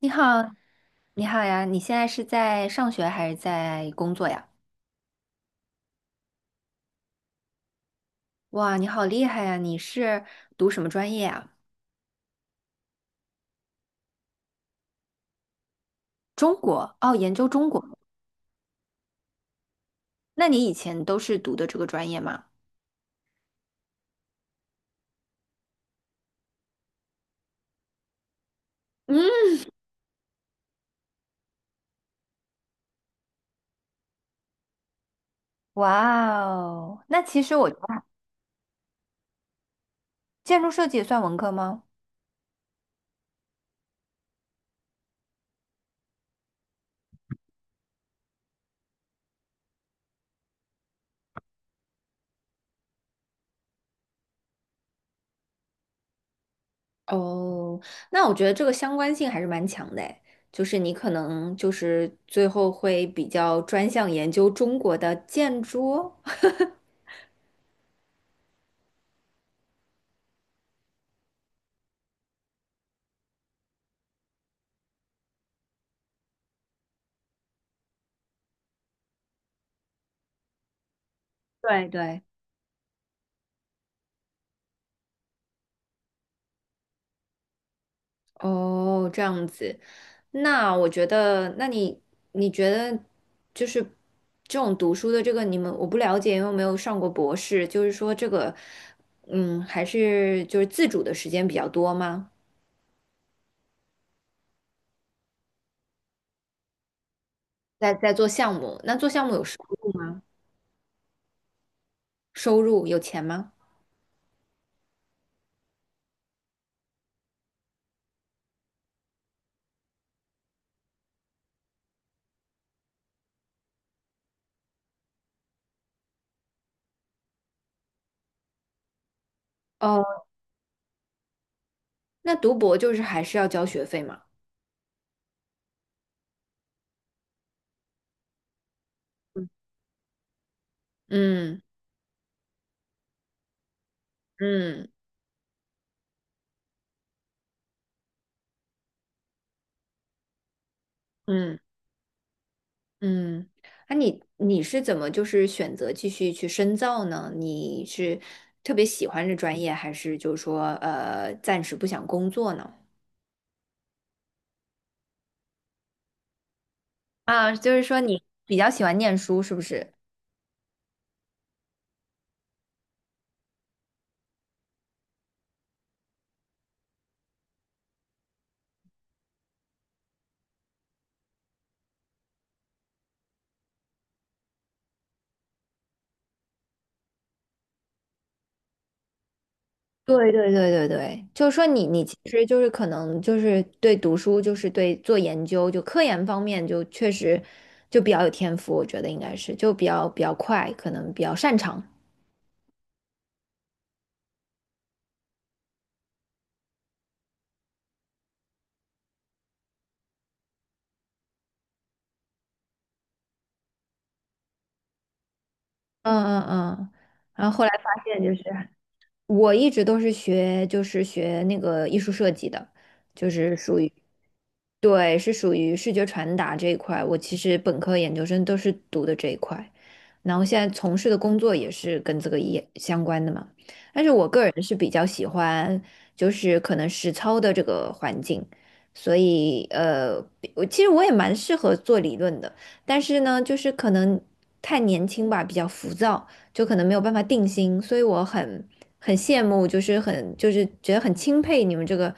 你好，你好呀！你现在是在上学还是在工作呀？哇，你好厉害呀！你是读什么专业啊？中国，哦，研究中国。那你以前都是读的这个专业吗？嗯，哇哦，那其实我觉得建筑设计也算文科吗？哦，那我觉得这个相关性还是蛮强的诶，你可能最后会比较专项研究中国的建筑。对对。哦，这样子，那我觉得，那你你觉得就是这种读书的这个，你们我不了解，因为没有上过博士，就是说这个，嗯，还是就是自主的时间比较多吗？在做项目，那做项目有收收入有钱吗？哦，那读博就是还是要交学费吗？嗯嗯嗯嗯。嗯，那、你你是怎么选择继续去深造呢？你是特别喜欢这专业，还是就是说暂时不想工作呢？啊，就是说你比较喜欢念书，是不是？对对对对对，就是说你你其实可能对读书，就是对做研究，就科研方面就确实就比较有天赋，我觉得应该是就比较快，可能比较擅长。嗯嗯嗯，然后后来发现就是。我一直都是学，就是学那个艺术设计的，就是属于，对，是属于视觉传达这一块。我其实本科、研究生都是读的这一块，然后现在从事的工作也是跟这个也相关的嘛。但是我个人是比较喜欢，就是可能实操的这个环境，所以我其实我也蛮适合做理论的，但是呢，就是可能太年轻吧，比较浮躁。就可能没有办法定心，所以我很羡慕，就是很就是觉得很钦佩你们这个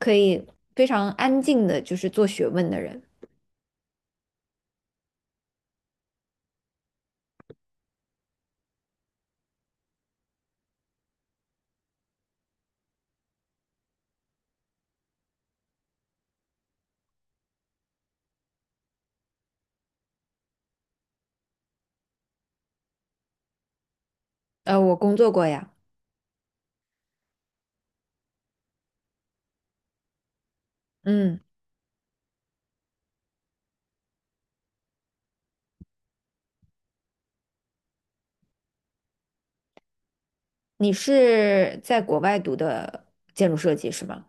可以非常安静的，就是做学问的人。我工作过呀，嗯，你是在国外读的建筑设计是吗？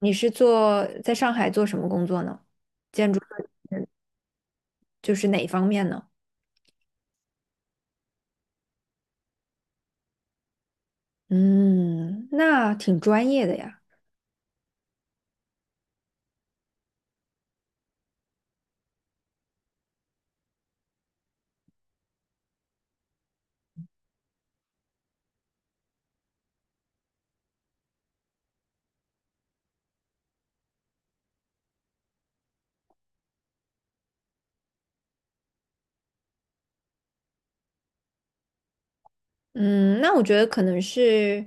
你是在上海做什么工作呢？就是哪一方面呢？嗯，那挺专业的呀。嗯，那我觉得可能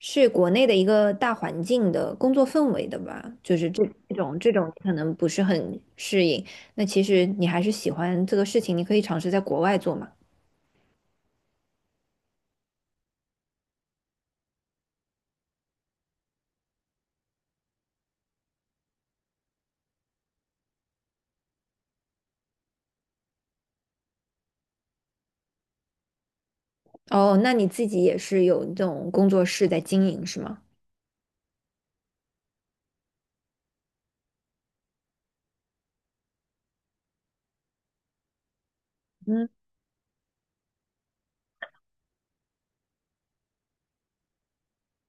是国内的一个大环境的工作氛围的吧，就是这种这种可能不是很适应。那其实你还是喜欢这个事情，你可以尝试在国外做嘛。哦，那你自己也是有这种工作室在经营是吗？嗯，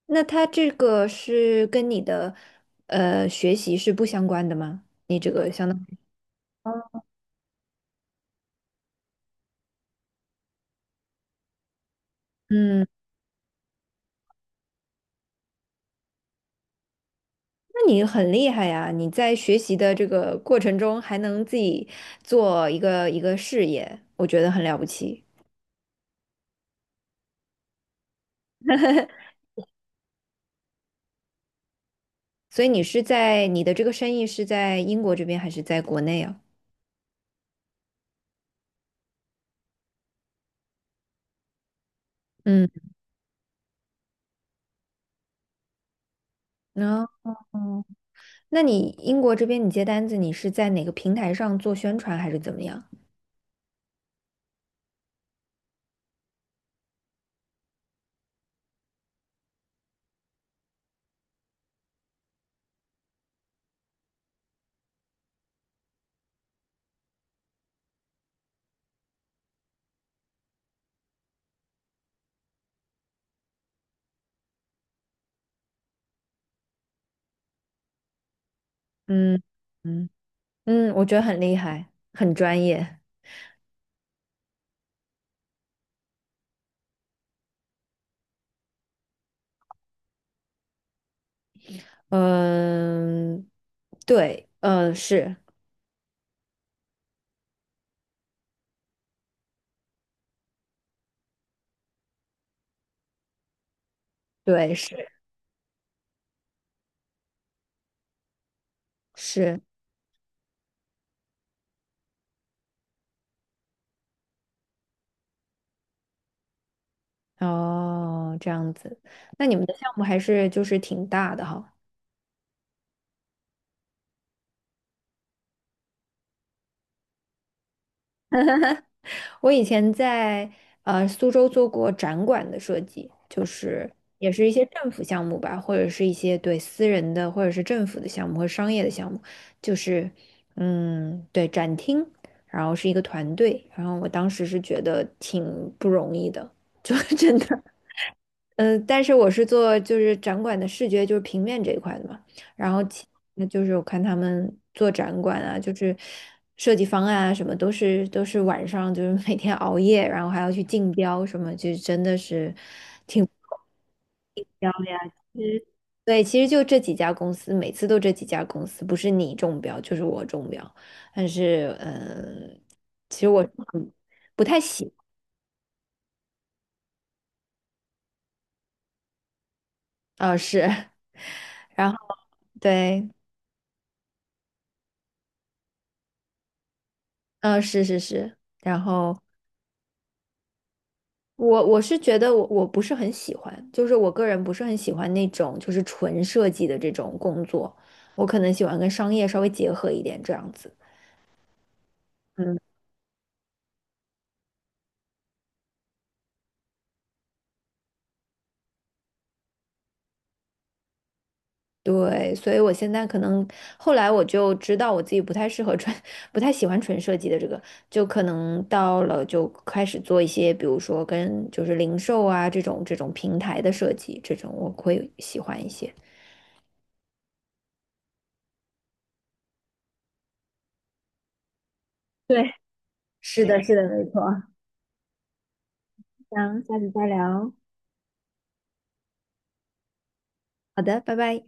那它这个是跟你的学习是不相关的吗？你这个相当于，嗯。那你很厉害呀！你在学习的这个过程中还能自己做一个事业，我觉得很了不起。所以你是在这个生意是在英国这边还是在国内啊？嗯，那哦，那你英国这边你接单子，你是在哪个平台上做宣传还是怎么样？嗯嗯嗯，我觉得很厉害，很专业。嗯，对，呃，是，对，是是。哦，这样子，那你们的项目还是就是挺大的哈。我以前在苏州做过展馆的设计，就是也是一些政府项目吧，或者是一些对私人的或者是政府的项目和商业的项目，就是嗯对展厅，然后是一个团队，然后我当时是觉得挺不容易的，就 真的。嗯，但是我是做就是展馆的视觉，就是平面这一块的嘛。然后其那就是我看他们做展馆啊，就是设计方案啊，什么都是晚上就是每天熬夜，然后还要去竞标什么，就真的是挺无聊的呀。其实，对，其实就这几家公司，每次都这几家公司，不是你中标就是我中标。但是，嗯，其实我嗯不太喜，啊，是，然后对，嗯，是是是。然后我是觉得我不是很喜欢，就是我个人不是很喜欢那种就是纯设计的这种工作，我可能喜欢跟商业稍微结合一点这样子。嗯，对，所以我现在可能后来我就知道我自己不太适合纯，不太喜欢纯设计的这个，就可能到了就开始做一些，比如说跟就是零售啊这种这种平台的设计，这种我会喜欢一些。对，是的，是的，没错。那下次再聊。好的，拜拜。